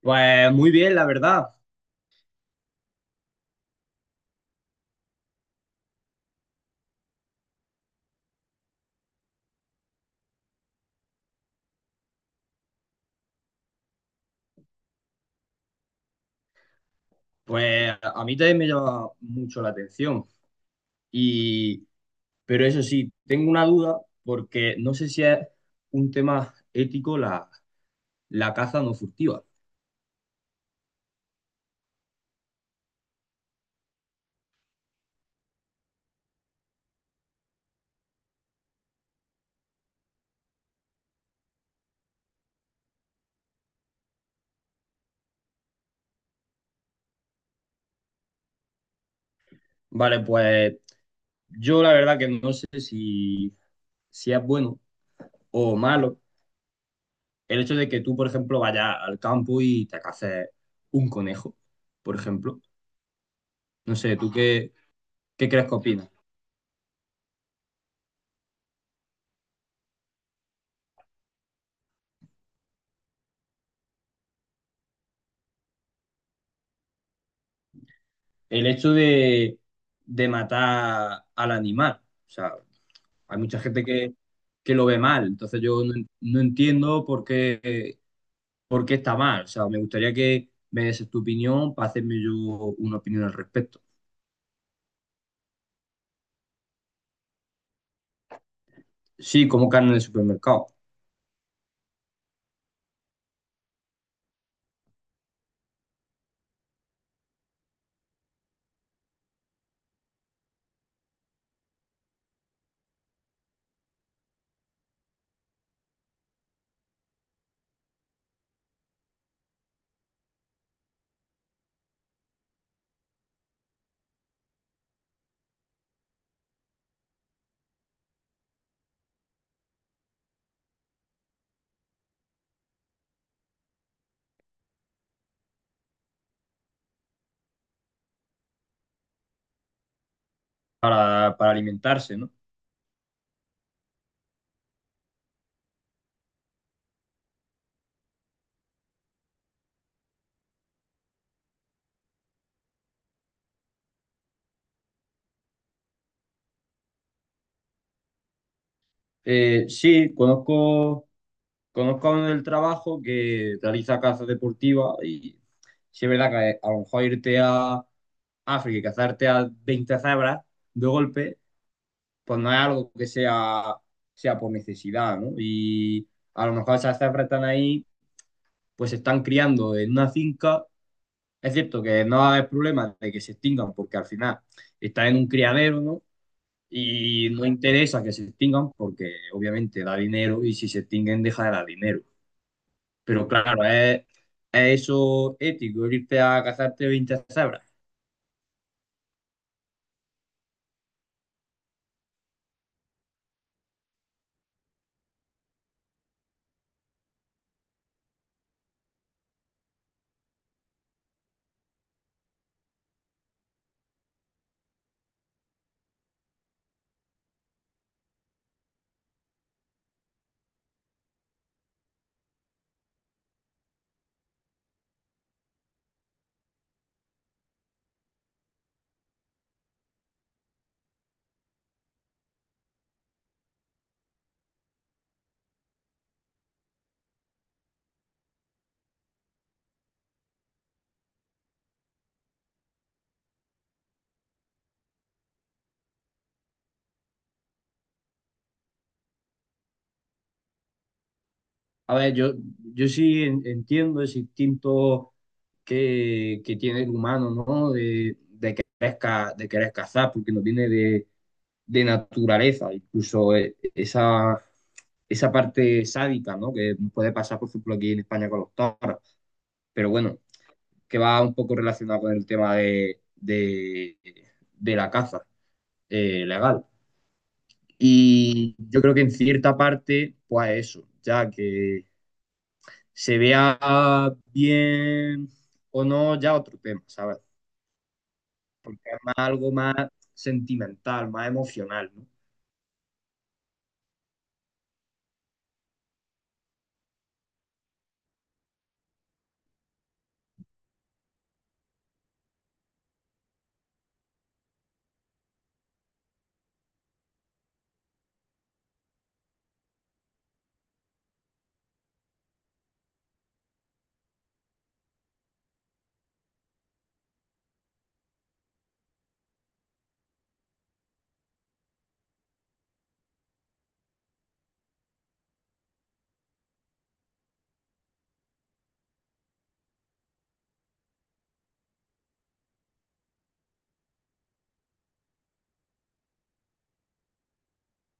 Pues muy bien, la verdad. Pues a mí también me llama mucho la atención. Y, pero eso sí, tengo una duda porque no sé si es un tema ético la caza no furtiva. Vale, pues yo la verdad que no sé si es bueno o malo el hecho de que tú, por ejemplo, vayas al campo y te caces un conejo, por ejemplo. No sé, ¿tú qué, crees que opinas? El hecho de matar al animal. O sea, hay mucha gente que lo ve mal, entonces yo no entiendo por qué está mal. O sea, me gustaría que me des tu opinión para hacerme yo una opinión al respecto. Sí, como carne de supermercado, para alimentarse, ¿no? Sí, conozco a uno del trabajo que realiza caza deportiva y sí es verdad que a lo mejor irte a África y cazarte a 20 cebras de golpe pues no es algo que sea por necesidad, ¿no? Y a lo mejor esas cebras están ahí, pues se están criando en una finca. Es cierto que no va a haber problema de que se extingan porque al final están en un criadero, ¿no? Y no interesa que se extingan porque obviamente da dinero y si se extinguen deja de dar dinero. Pero claro, es eso ético, irte a cazarte 20 cebras. A ver, yo sí entiendo ese instinto que tiene el humano, ¿no? De querer cazar, porque no viene de naturaleza, incluso esa parte sádica, ¿no? Que puede pasar, por ejemplo, aquí en España con los toros, pero bueno, que va un poco relacionado con el tema de la caza legal. Y yo creo que en cierta parte, pues eso, ya que se vea bien o no, ya otro tema, ¿sabes? Porque es más algo más sentimental, más emocional, ¿no?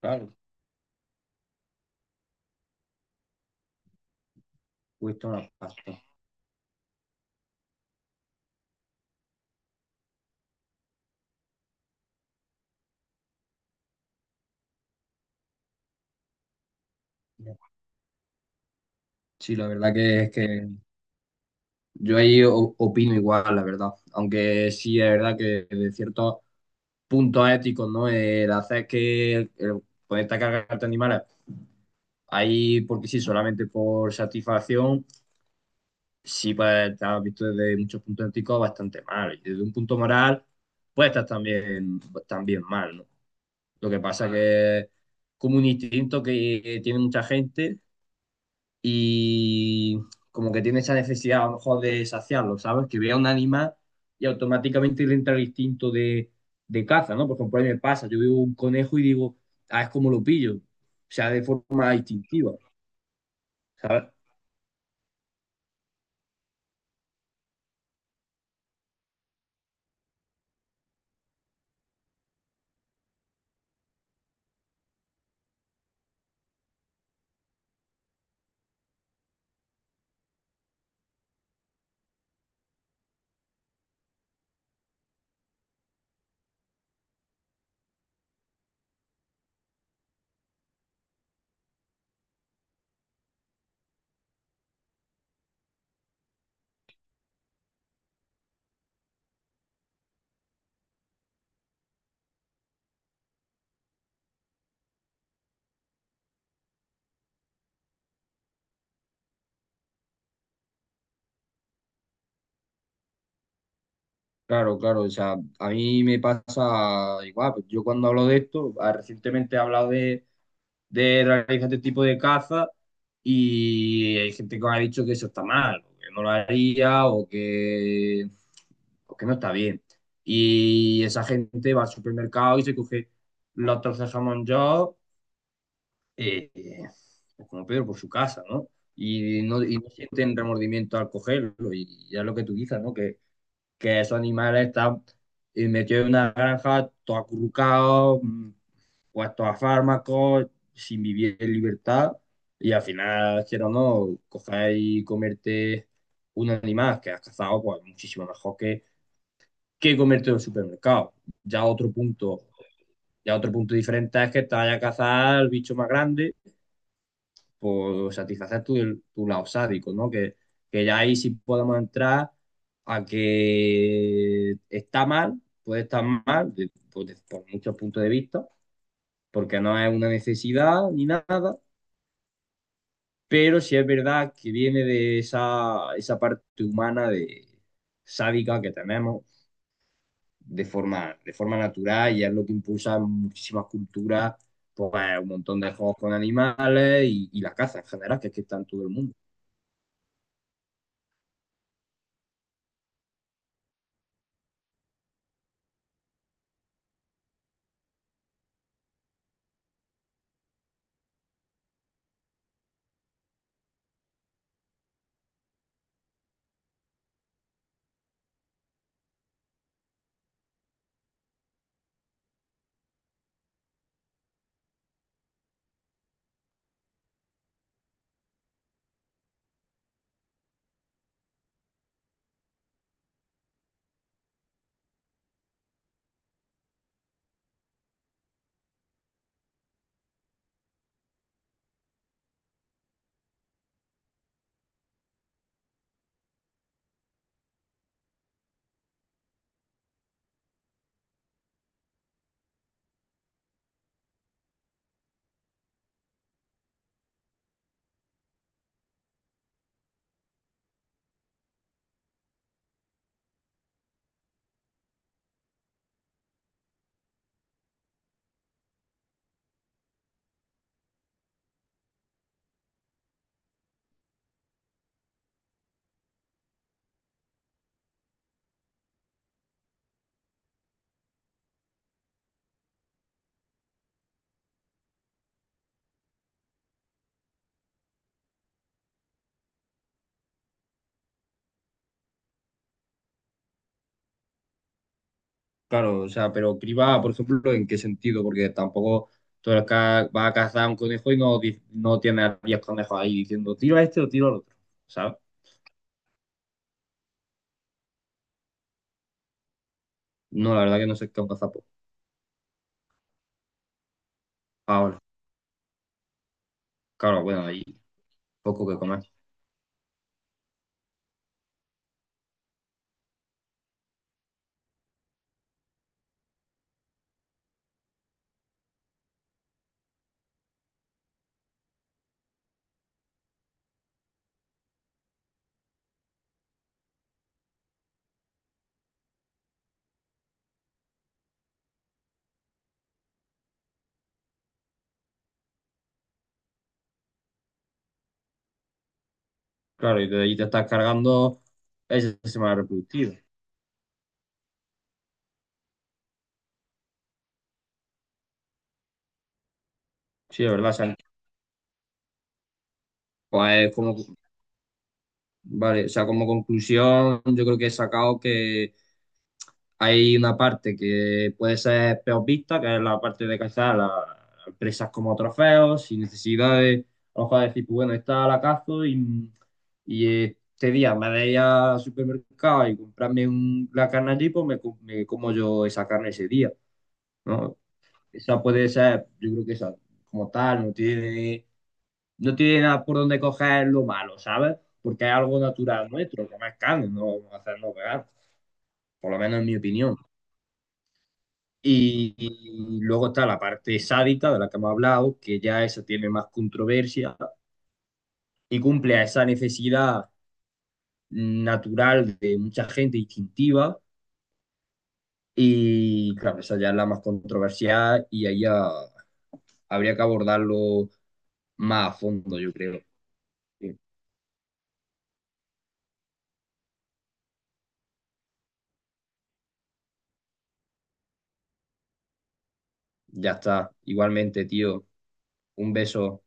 Claro. Cuesta una pasta. Sí, la verdad que es que yo ahí opino igual, la verdad. Aunque sí es verdad que de ciertos puntos éticos, ¿no? El hacer que el poder atacar a cargarte animales ahí porque sí, solamente por satisfacción, sí puede estar visto desde muchos puntos éticos bastante mal. Y desde un punto moral, puede estar también, pues, también mal, ¿no? Lo que pasa, claro, que es como un instinto que tiene mucha gente y como que tiene esa necesidad a lo mejor de saciarlo, ¿sabes? Que vea un animal y automáticamente le entra el instinto de caza, ¿no? Por ejemplo, a mí me pasa, yo veo un conejo y digo, ah, es como lo pillo. O sea, de forma instintiva, ¿sabes? Claro, claro, o sea, a mí me pasa igual, pues yo cuando hablo de esto, recientemente he hablado de realizar este tipo de caza y hay gente que me ha dicho que eso está mal, o que no lo haría o o que no está bien. Y esa gente va al supermercado y se coge los trozos de jamón yo, eh, pues como Pedro, por su casa, ¿no? Y no sienten remordimiento al cogerlo y ya es lo que tú dices, ¿no? Que esos animales están metidos en una granja, todos acurrucados, puestos a fármacos, sin vivir en libertad, y al final, quiero o no, coger y comerte un animal que has cazado, pues muchísimo mejor que comerte en un supermercado. Ya otro punto, ya otro punto diferente es que te vaya a cazar el bicho más grande por satisfacer tu lado sádico, ¿no? Que ya ahí sí podemos entrar a que está mal, puede estar mal, pues, por muchos puntos de vista, porque no es una necesidad ni nada, pero sí es verdad que viene de esa parte humana de sádica que tenemos de forma natural y es lo que impulsa en muchísimas culturas, pues un montón de juegos con animales y la caza en general, que es que está en todo el mundo. Claro, o sea, pero criba, por ejemplo, ¿en qué sentido? Porque tampoco tú eres vas a cazar un conejo y no tienes a 10 conejos ahí diciendo tiro a este o tiro al otro, ¿sabes? No, la verdad que no sé qué es un cazapo. Ahora, claro, bueno, ahí poco que comer. Claro, y de ahí te estás cargando ese sistema reproductivo. Sí, es verdad, o sea, pues como, vale, o sea, como conclusión, yo creo que he sacado. Hay una parte que puede ser peor vista, que es la parte de cazar las presas como trofeos, sin necesidad de, a lo mejor decir, pues bueno, esta la cazo y este día me voy al supermercado y comprarme la carne allí, pues me como yo esa carne ese día, ¿no? Esa puede ser, yo creo que esa, como tal, no tiene, nada por donde coger lo malo, ¿sabes? Porque es algo natural nuestro, que más carne, no vamos a hacernos veganos, por lo menos en mi opinión. Y luego está la parte sádica de la que hemos hablado, que ya esa tiene más controversia y cumple a esa necesidad natural de mucha gente instintiva. Y claro, esa ya es la más controversial y ahí ya habría que abordarlo más a fondo, yo creo. Sí. Ya está. Igualmente, tío, un beso.